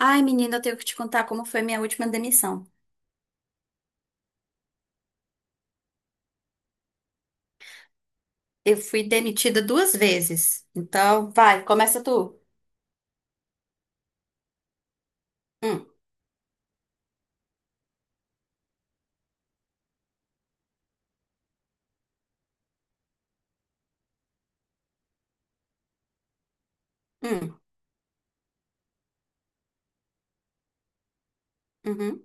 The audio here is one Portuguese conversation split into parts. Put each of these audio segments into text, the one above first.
Ai, menina, eu tenho que te contar como foi minha última demissão. Eu fui demitida duas vezes. Então, vai, começa tu. Hum, hum, uhum.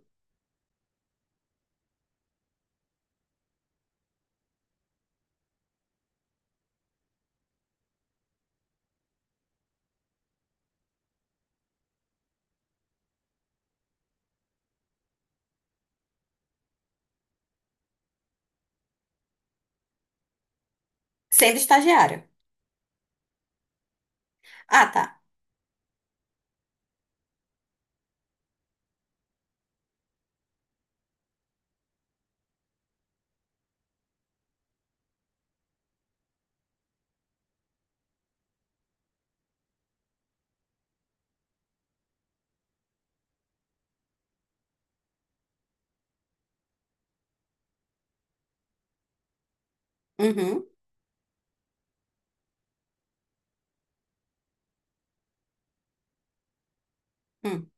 Sendo estagiária. Ah, tá. Uhum, hum.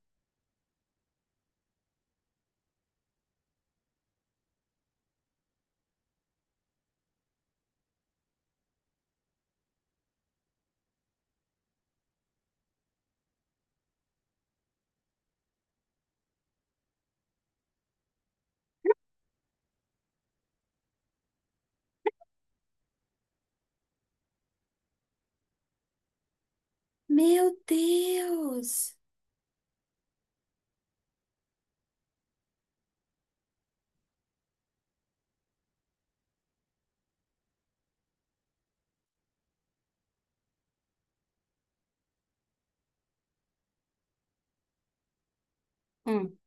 Meu Deus! Hum.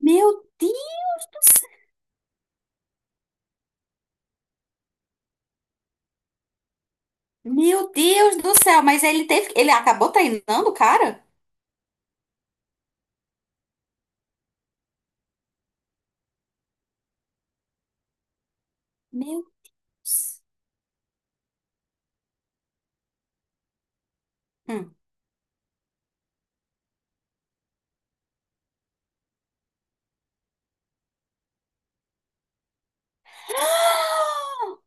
Meu Deus! Meu Deus do céu! Mas ele acabou treinando o cara? Meu Deus! Hum.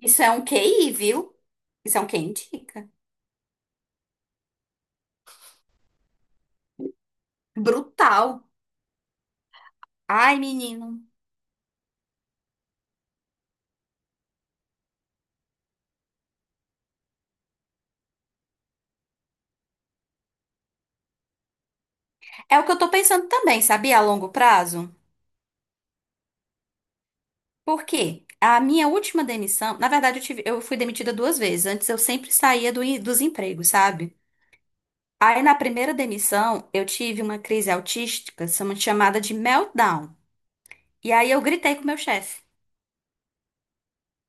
Isso é um QI, viu? Isso é um QI indica. Brutal. Ai, menino. É o que eu tô pensando também, sabia? A longo prazo. Por quê? A minha última demissão, na verdade, eu fui demitida duas vezes. Antes eu sempre saía dos empregos, sabe? Aí na primeira demissão, eu tive uma crise autística, chamada de meltdown. E aí eu gritei com o meu chefe.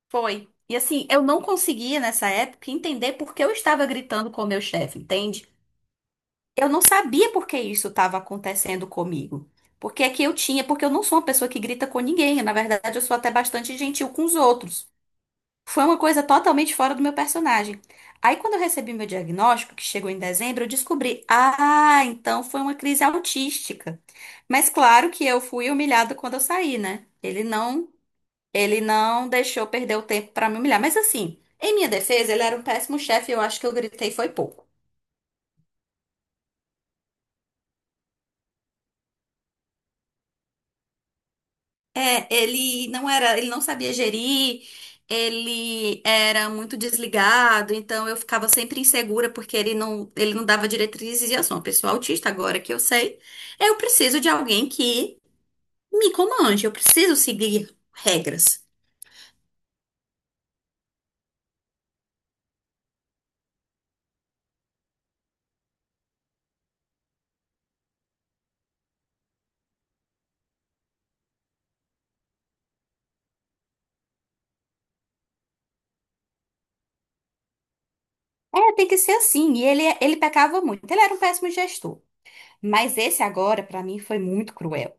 Foi. E assim, eu não conseguia nessa época entender por que eu estava gritando com o meu chefe, entende? Eu não sabia por que isso estava acontecendo comigo. Porque é que eu tinha, porque eu não sou uma pessoa que grita com ninguém. Na verdade, eu sou até bastante gentil com os outros. Foi uma coisa totalmente fora do meu personagem. Aí, quando eu recebi meu diagnóstico, que chegou em dezembro, eu descobri, ah, então foi uma crise autística. Mas claro que eu fui humilhada quando eu saí, né? Ele não deixou perder o tempo para me humilhar. Mas assim, em minha defesa, ele era um péssimo chefe, e eu acho que eu gritei foi pouco. É, ele não sabia gerir, ele era muito desligado, então eu ficava sempre insegura porque ele não dava diretrizes e eu sou uma pessoa autista agora que eu sei. Eu preciso de alguém que me comande, eu preciso seguir regras. É, tem que ser assim. E ele pecava muito. Ele era um péssimo gestor. Mas esse agora, pra mim, foi muito cruel.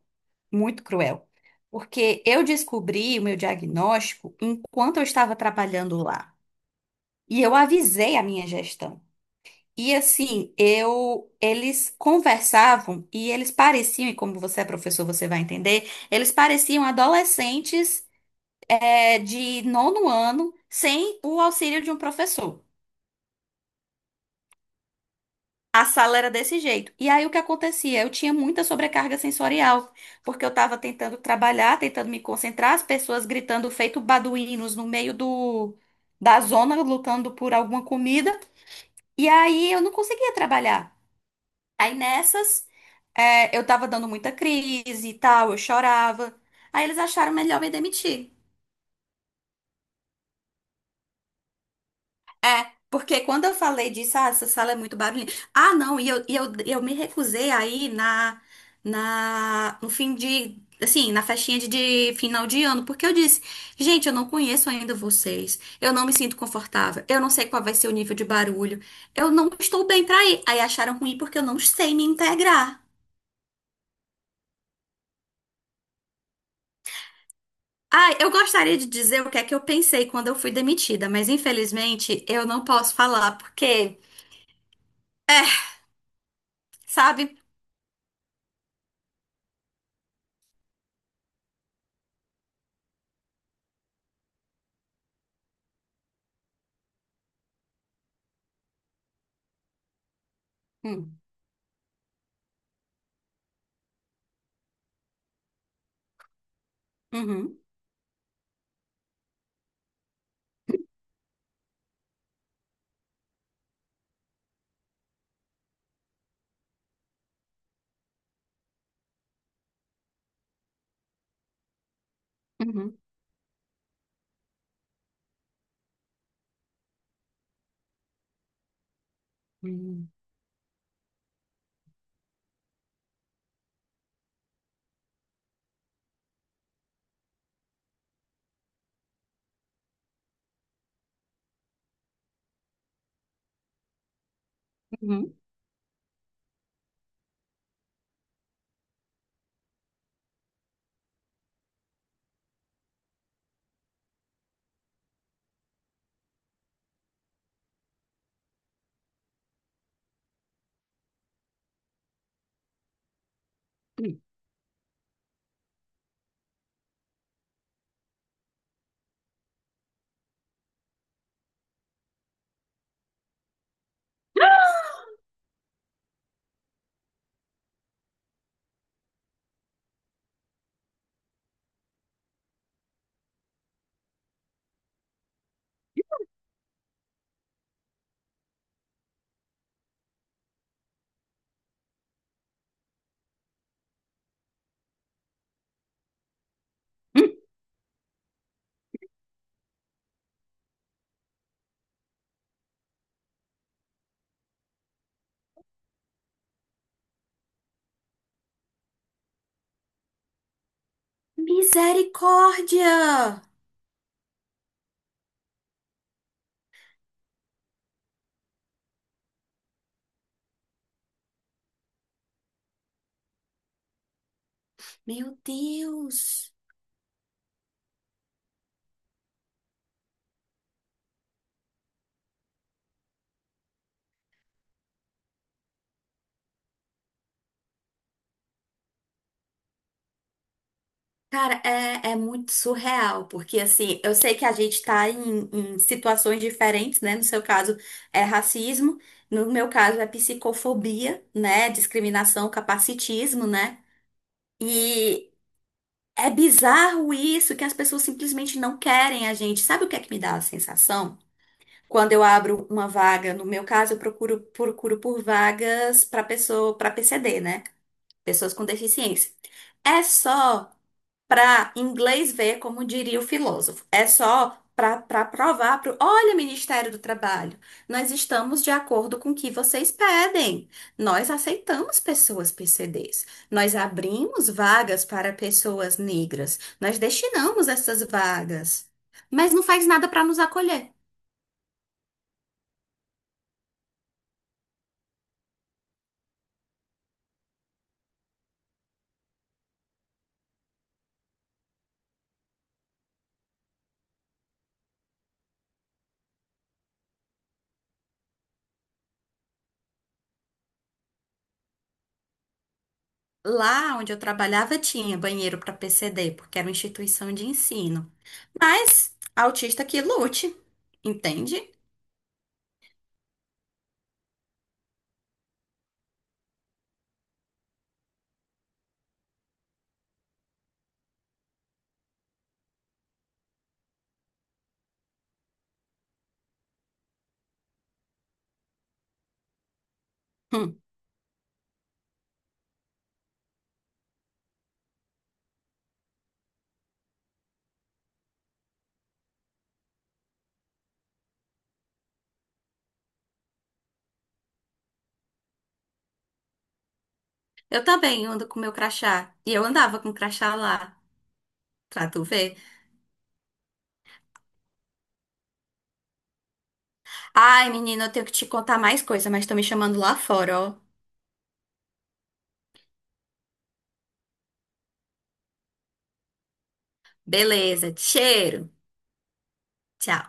Muito cruel. Porque eu descobri o meu diagnóstico enquanto eu estava trabalhando lá. E eu avisei a minha gestão. E assim, eu eles conversavam e eles pareciam, e como você é professor, você vai entender, eles pareciam adolescentes de nono ano sem o auxílio de um professor. A sala era desse jeito. E aí o que acontecia? Eu tinha muita sobrecarga sensorial, porque eu estava tentando trabalhar, tentando me concentrar, as pessoas gritando feito baduínos no meio da zona, lutando por alguma comida. E aí eu não conseguia trabalhar. Aí eu tava dando muita crise e tal, eu chorava. Aí eles acharam melhor me demitir. É, porque quando eu falei disso, ah, essa sala é muito barulhenta. Ah, não, eu me recusei aí no fim de, assim, na festinha de final de ano, porque eu disse, gente, eu não conheço ainda vocês, eu não me sinto confortável, eu não sei qual vai ser o nível de barulho, eu não estou bem pra ir. Aí acharam ruim porque eu não sei me integrar. Ah, eu gostaria de dizer o que é que eu pensei quando eu fui demitida, mas infelizmente eu não posso falar, porque, é, sabe? Hum, uhum, uhum, uhum, uhum, uhum. Misericórdia! Meu Deus! Cara, é muito surreal, porque assim, eu sei que a gente tá em situações diferentes, né? No seu caso é racismo, no meu caso é psicofobia, né? Discriminação, capacitismo, né? E é bizarro isso, que as pessoas simplesmente não querem a gente. Sabe o que é que me dá a sensação? Quando eu abro uma vaga, no meu caso, procuro por vagas para pessoa, para PCD, né? Pessoas com deficiência. É só para inglês ver, como diria o filósofo. É só para provar para olha, Ministério do Trabalho, nós estamos de acordo com o que vocês pedem. Nós aceitamos pessoas PCDs. Nós abrimos vagas para pessoas negras. Nós destinamos essas vagas. Mas não faz nada para nos acolher. Lá onde eu trabalhava tinha banheiro para PCD, porque era uma instituição de ensino. Mas autista que lute, entende? Eu também ando com meu crachá. E eu andava com o crachá lá, pra tu ver. Ai, menina, eu tenho que te contar mais coisa, mas estão me chamando lá fora, ó. Beleza, cheiro. Tchau.